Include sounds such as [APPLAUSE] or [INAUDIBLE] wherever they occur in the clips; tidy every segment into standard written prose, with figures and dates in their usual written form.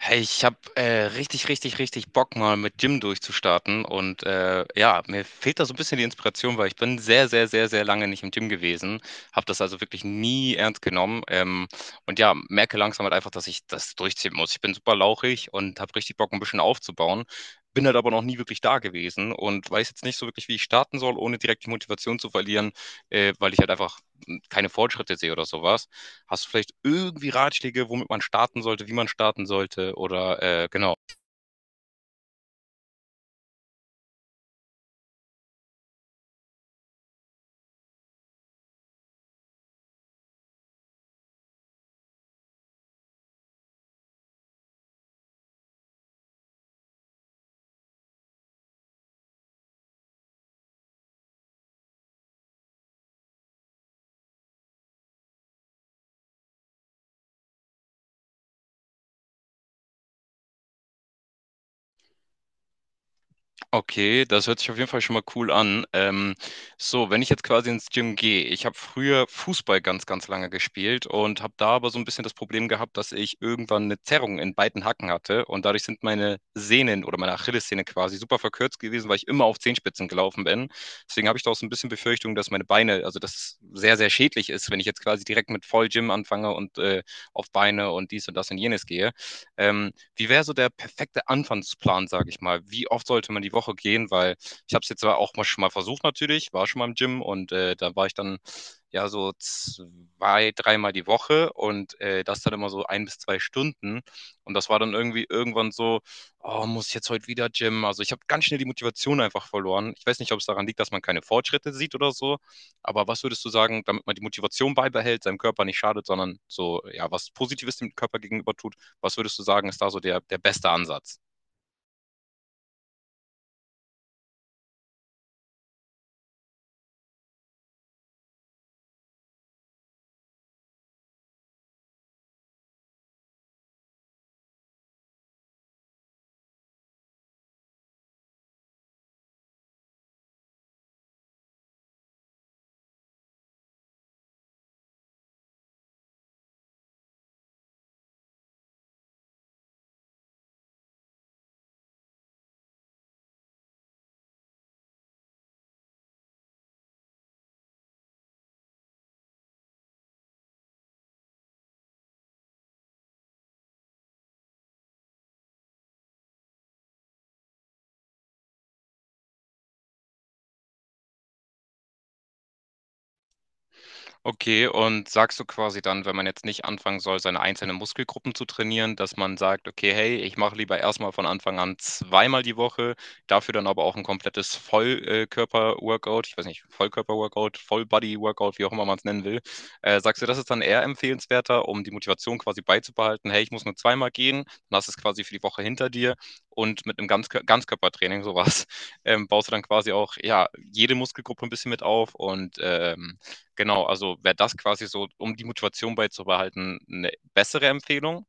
Hey, ich habe richtig, richtig, richtig Bock, mal mit Gym durchzustarten. Und ja, mir fehlt da so ein bisschen die Inspiration, weil ich bin sehr, sehr, sehr, sehr lange nicht im Gym gewesen. Habe das also wirklich nie ernst genommen. Und ja, merke langsam halt einfach, dass ich das durchziehen muss. Ich bin super lauchig und habe richtig Bock, ein bisschen aufzubauen. Bin halt aber noch nie wirklich da gewesen und weiß jetzt nicht so wirklich, wie ich starten soll, ohne direkt die Motivation zu verlieren, weil ich halt einfach keine Fortschritte sehe oder sowas. Hast du vielleicht irgendwie Ratschläge, womit man starten sollte, wie man starten sollte? Oder genau. Okay, das hört sich auf jeden Fall schon mal cool an. So, wenn ich jetzt quasi ins Gym gehe, ich habe früher Fußball ganz, ganz lange gespielt und habe da aber so ein bisschen das Problem gehabt, dass ich irgendwann eine Zerrung in beiden Hacken hatte und dadurch sind meine Sehnen oder meine Achillessehne quasi super verkürzt gewesen, weil ich immer auf Zehenspitzen gelaufen bin. Deswegen habe ich da auch so ein bisschen Befürchtung, dass meine Beine, also dass es sehr, sehr schädlich ist, wenn ich jetzt quasi direkt mit Vollgym anfange und auf Beine und dies und das und jenes gehe. Ähm, Wie wäre so der perfekte Anfangsplan, sage ich mal? Wie oft sollte man die Woche gehen? Weil ich habe es jetzt zwar auch mal schon mal versucht natürlich, war schon mal im Gym und da war ich dann ja so zwei, dreimal die Woche und das dann immer so ein bis zwei Stunden. Und das war dann irgendwie irgendwann so, oh, muss ich jetzt heute wieder Gym? Also ich habe ganz schnell die Motivation einfach verloren. Ich weiß nicht, ob es daran liegt, dass man keine Fortschritte sieht oder so. Aber was würdest du sagen, damit man die Motivation beibehält, seinem Körper nicht schadet, sondern so, ja, was Positives dem Körper gegenüber tut? Was würdest du sagen, ist da so der beste Ansatz? Okay, und sagst du quasi dann, wenn man jetzt nicht anfangen soll, seine einzelnen Muskelgruppen zu trainieren, dass man sagt, okay, hey, ich mache lieber erstmal von Anfang an zweimal die Woche, dafür dann aber auch ein komplettes Vollkörper-Workout, ich weiß nicht, Vollkörper-Workout, Vollbody-Workout, wie auch immer man es nennen will. Sagst du, das ist dann eher empfehlenswerter, um die Motivation quasi beizubehalten, hey, ich muss nur zweimal gehen, dann hast du es quasi für die Woche hinter dir und mit einem Ganzkörpertraining, sowas, [LAUGHS] baust du dann quasi auch, ja, jede Muskelgruppe ein bisschen mit auf und genau, also wäre das quasi so, um die Motivation beizubehalten, eine bessere Empfehlung.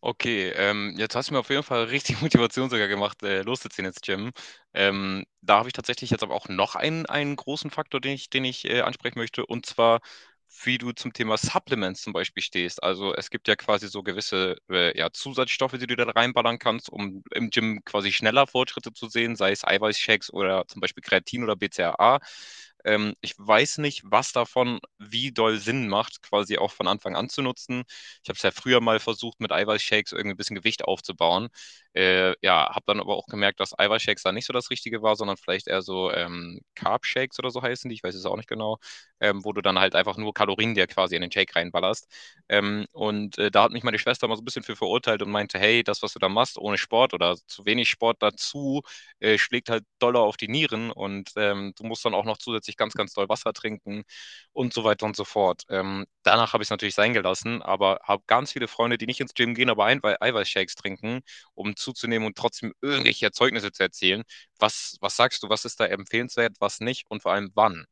Okay, jetzt hast du mir auf jeden Fall richtig [LAUGHS] Motivation sogar gemacht, loszuziehen ins Gym. Da habe ich tatsächlich jetzt aber auch noch einen großen Faktor, den ich ansprechen möchte, und zwar, wie du zum Thema Supplements zum Beispiel stehst. Also es gibt ja quasi so gewisse ja, Zusatzstoffe, die du da reinballern kannst, um im Gym quasi schneller Fortschritte zu sehen, sei es Eiweißshakes oder zum Beispiel Kreatin oder BCAA. Ich weiß nicht, was davon wie doll Sinn macht, quasi auch von Anfang an zu nutzen. Ich habe es ja früher mal versucht, mit Eiweißshakes irgendwie ein bisschen Gewicht aufzubauen. Ja, habe dann aber auch gemerkt, dass Eiweißshakes da nicht so das Richtige war, sondern vielleicht eher so Carb-Shakes oder so heißen die, ich weiß es auch nicht genau, wo du dann halt einfach nur Kalorien dir quasi in den Shake reinballerst. Da hat mich meine Schwester mal so ein bisschen für verurteilt und meinte, hey, das, was du da machst, ohne Sport oder zu wenig Sport dazu, schlägt halt doller auf die Nieren und du musst dann auch noch zusätzlich ganz, ganz doll Wasser trinken und so weiter und so fort. Danach habe ich es natürlich sein gelassen, aber habe ganz viele Freunde, die nicht ins Gym gehen, aber ein Eiweißshakes trinken, um zuzunehmen und trotzdem irgendwelche Erzeugnisse zu erzielen. Was sagst du, was ist da empfehlenswert, was nicht und vor allem wann?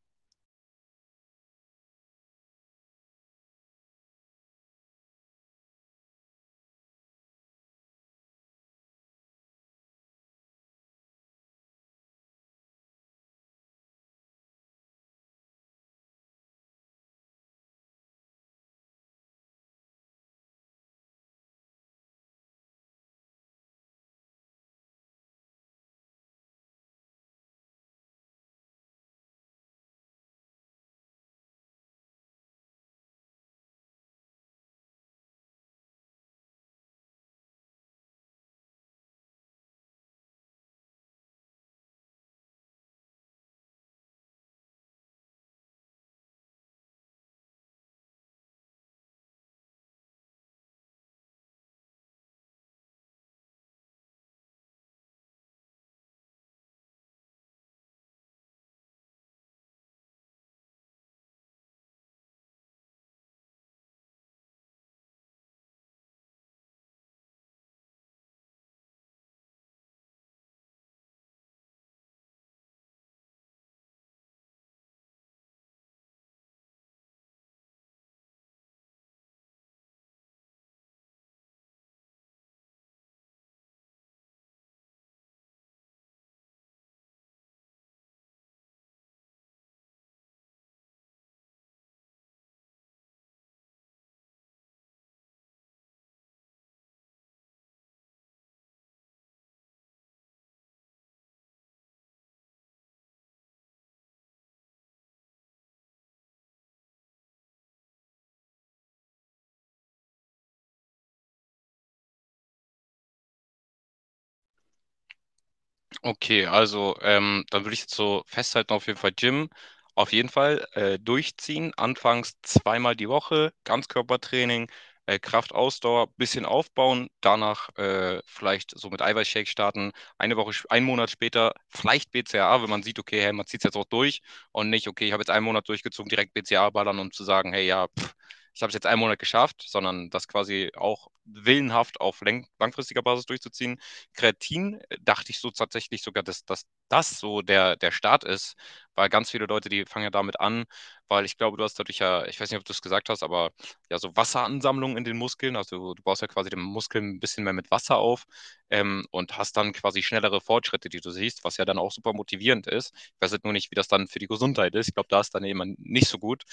Okay, also dann würde ich jetzt so festhalten, auf jeden Fall Gym, auf jeden Fall durchziehen, anfangs zweimal die Woche, Ganzkörpertraining, Kraft, Ausdauer, bisschen aufbauen, danach vielleicht so mit Eiweißshake starten, eine Woche, einen Monat später vielleicht BCAA, wenn man sieht, okay, hey, man zieht es jetzt auch durch und nicht, okay, ich habe jetzt einen Monat durchgezogen, direkt BCAA ballern, um zu sagen, hey, ja, pff, ich habe es jetzt einen Monat geschafft, sondern das quasi auch willenhaft auf langfristiger Basis durchzuziehen. Kreatin dachte ich so tatsächlich sogar, dass das so der Start ist, weil ganz viele Leute, die fangen ja damit an, weil ich glaube, du hast dadurch ja, ich weiß nicht, ob du es gesagt hast, aber ja, so Wasseransammlung in den Muskeln, also du baust ja quasi den Muskel ein bisschen mehr mit Wasser auf, und hast dann quasi schnellere Fortschritte, die du siehst, was ja dann auch super motivierend ist. Ich weiß jetzt nur nicht, wie das dann für die Gesundheit ist. Ich glaube, da ist dann eben nicht so gut.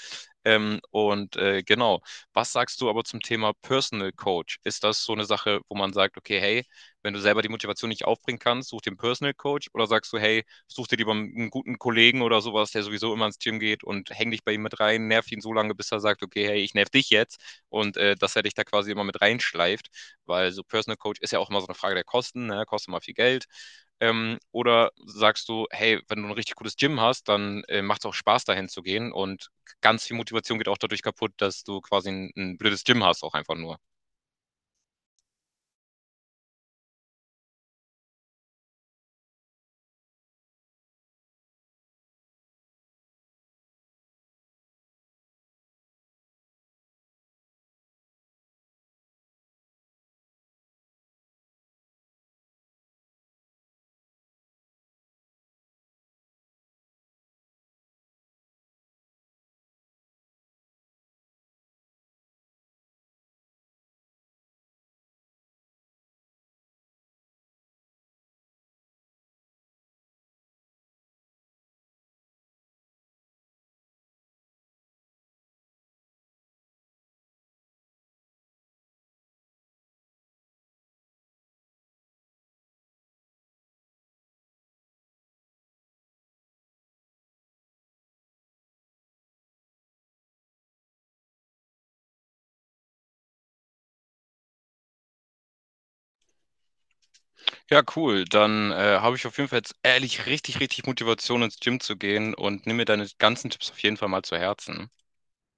Genau, was sagst du aber zum Thema Personal Coach? Ist das so eine Sache, wo man sagt, okay, hey, wenn du selber die Motivation nicht aufbringen kannst, such dir einen Personal Coach oder sagst du, hey, such dir lieber einen guten Kollegen oder sowas, der sowieso immer ins Gym geht und häng dich bei ihm mit rein, nerv ihn so lange, bis er sagt, okay, hey, ich nerv dich jetzt und dass er dich da quasi immer mit reinschleift, weil so Personal Coach ist ja auch immer so eine Frage der Kosten, ne? Kostet mal viel Geld. Oder sagst du, hey, wenn du ein richtig gutes Gym hast, dann macht es auch Spaß, dahin zu gehen. Und ganz viel Motivation geht auch dadurch kaputt, dass du quasi ein blödes Gym hast, auch einfach nur. Ja, cool. Dann habe ich auf jeden Fall jetzt ehrlich richtig, richtig Motivation ins Gym zu gehen und nimm mir deine ganzen Tipps auf jeden Fall mal zu Herzen.